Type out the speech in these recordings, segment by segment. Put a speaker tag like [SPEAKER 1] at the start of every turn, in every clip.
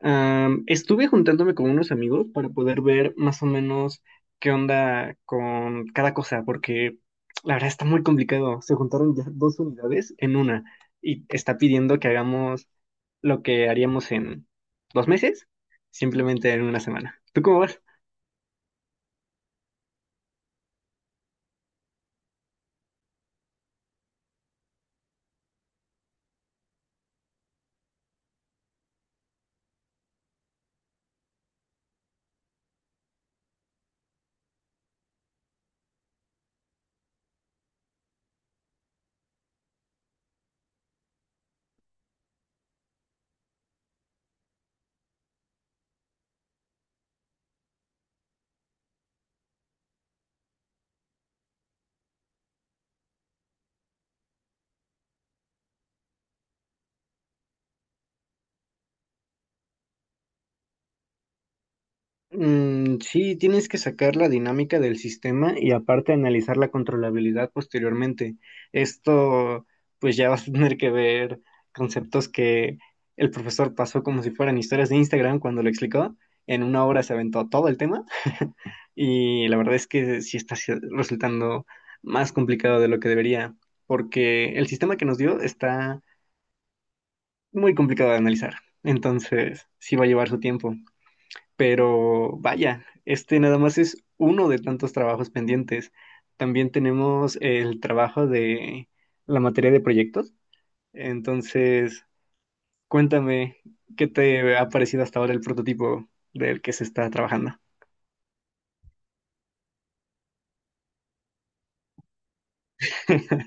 [SPEAKER 1] Estuve juntándome con unos amigos para poder ver más o menos qué onda con cada cosa, porque la verdad está muy complicado. Se juntaron ya dos unidades en una y está pidiendo que hagamos lo que haríamos en 2 meses, simplemente en una semana. ¿Tú cómo vas? Mm, sí, tienes que sacar la dinámica del sistema y aparte analizar la controlabilidad posteriormente. Esto, pues ya vas a tener que ver conceptos que el profesor pasó como si fueran historias de Instagram cuando lo explicó. En una hora se aventó todo el tema y la verdad es que sí está resultando más complicado de lo que debería, porque el sistema que nos dio está muy complicado de analizar. Entonces, sí va a llevar su tiempo. Pero vaya, este nada más es uno de tantos trabajos pendientes. También tenemos el trabajo de la materia de proyectos. Entonces, cuéntame, ¿qué te ha parecido hasta ahora el prototipo del que se está trabajando?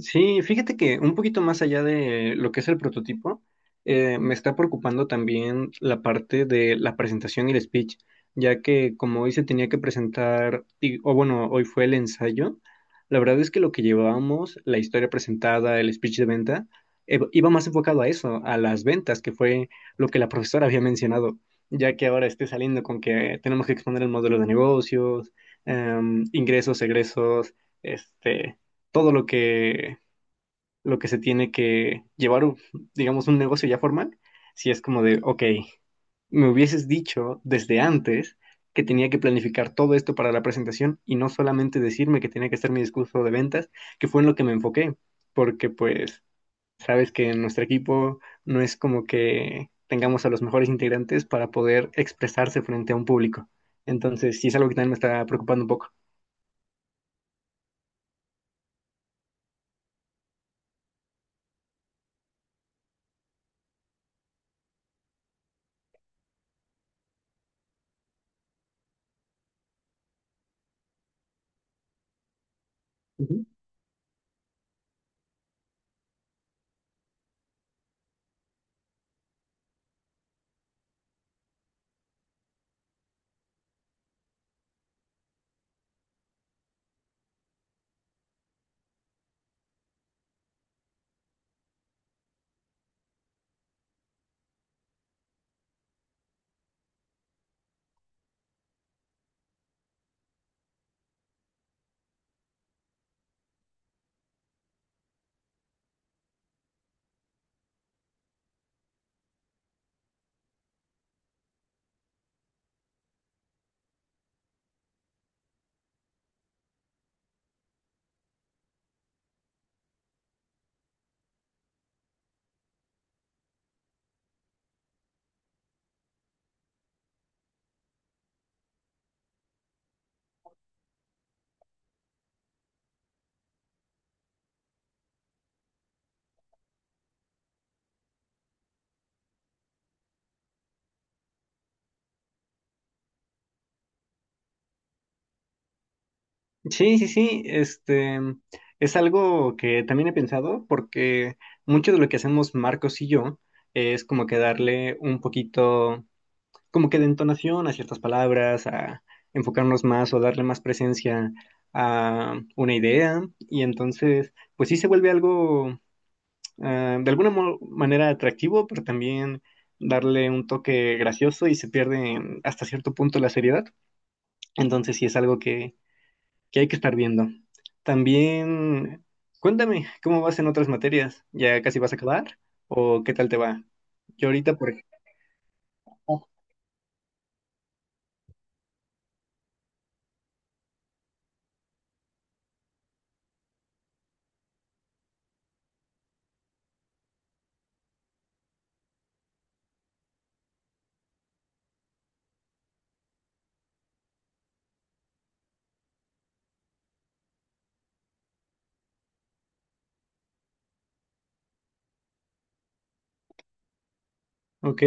[SPEAKER 1] Sí, fíjate que un poquito más allá de lo que es el prototipo, me está preocupando también la parte de la presentación y el speech, ya que como hoy se tenía que presentar, y- o bueno, hoy fue el ensayo, la verdad es que lo que llevábamos, la historia presentada, el speech de venta, iba más enfocado a eso, a las ventas, que fue lo que la profesora había mencionado, ya que ahora esté saliendo con que tenemos que exponer el modelo de negocios, ingresos, egresos, este todo lo que se tiene que llevar, digamos, un negocio ya formal, si es como de, ok, me hubieses dicho desde antes que tenía que planificar todo esto para la presentación y no solamente decirme que tenía que hacer mi discurso de ventas, que fue en lo que me enfoqué, porque pues sabes que en nuestro equipo no es como que tengamos a los mejores integrantes para poder expresarse frente a un público. Entonces, sí es algo que también me está preocupando un poco. Sí, sí, sí, este es algo que también he pensado porque mucho de lo que hacemos Marcos y yo es como que darle un poquito, como que de entonación a ciertas palabras, a enfocarnos más o darle más presencia a una idea y entonces pues sí se vuelve algo de alguna manera atractivo, pero también darle un toque gracioso y se pierde hasta cierto punto la seriedad. Entonces sí es algo que hay que estar viendo. También, cuéntame, ¿cómo vas en otras materias? ¿Ya casi vas a acabar? ¿O qué tal te va? Yo ahorita, por ejemplo. Ok,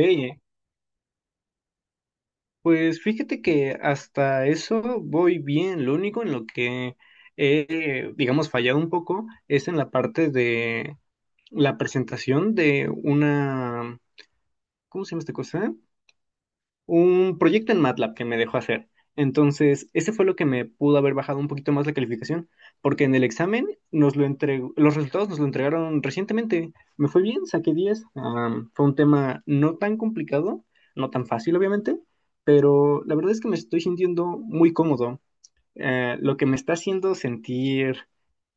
[SPEAKER 1] pues fíjate que hasta eso voy bien. Lo único en lo que he, digamos, fallado un poco es en la parte de la presentación de una, ¿cómo se llama esta cosa? Un proyecto en MATLAB que me dejó hacer. Entonces, ese fue lo que me pudo haber bajado un poquito más la calificación, porque en el examen nos lo entregó, los resultados nos lo entregaron recientemente. Me fue bien, saqué 10. Fue un tema no tan complicado, no tan fácil, obviamente, pero la verdad es que me estoy sintiendo muy cómodo. Lo que me está haciendo sentir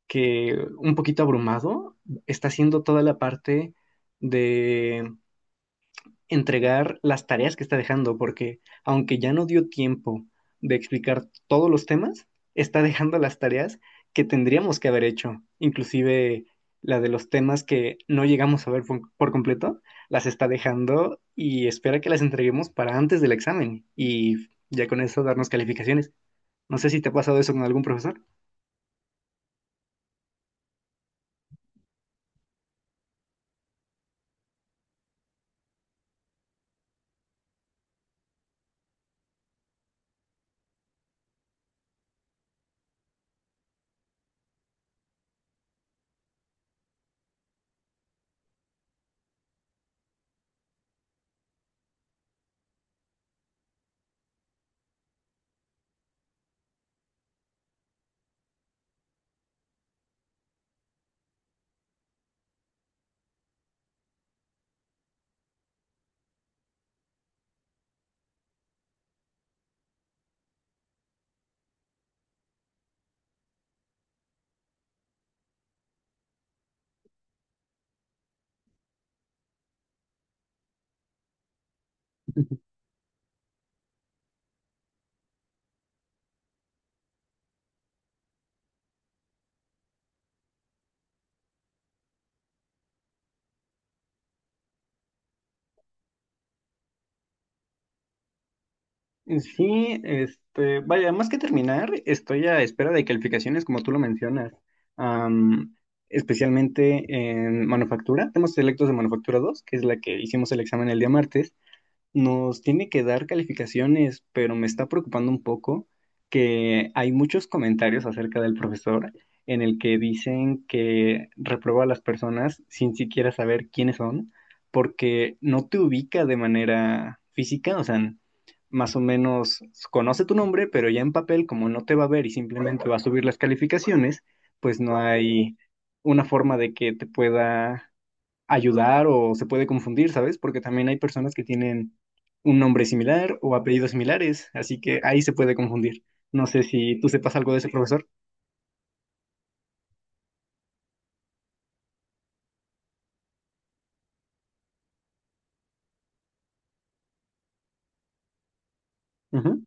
[SPEAKER 1] que un poquito abrumado está siendo toda la parte de entregar las tareas que está dejando, porque aunque ya no dio tiempo de explicar todos los temas, está dejando las tareas que tendríamos que haber hecho, inclusive la de los temas que no llegamos a ver por completo, las está dejando y espera que las entreguemos para antes del examen y ya con eso darnos calificaciones. No sé si te ha pasado eso con algún profesor. Sí, este, vaya, más que terminar, estoy a espera de calificaciones, como tú lo mencionas, Am, especialmente en manufactura. Tenemos selectos de manufactura 2, que es la que hicimos el examen el día martes. Nos tiene que dar calificaciones, pero me está preocupando un poco que hay muchos comentarios acerca del profesor en el que dicen que reprueba a las personas sin siquiera saber quiénes son, porque no te ubica de manera física, o sea, más o menos conoce tu nombre, pero ya en papel, como no te va a ver y simplemente va a subir las calificaciones, pues no hay una forma de que te pueda ayudar o se puede confundir, ¿sabes? Porque también hay personas que tienen un nombre similar o apellidos similares, así que ahí se puede confundir. No sé si tú sepas algo de ese profesor. Ujú.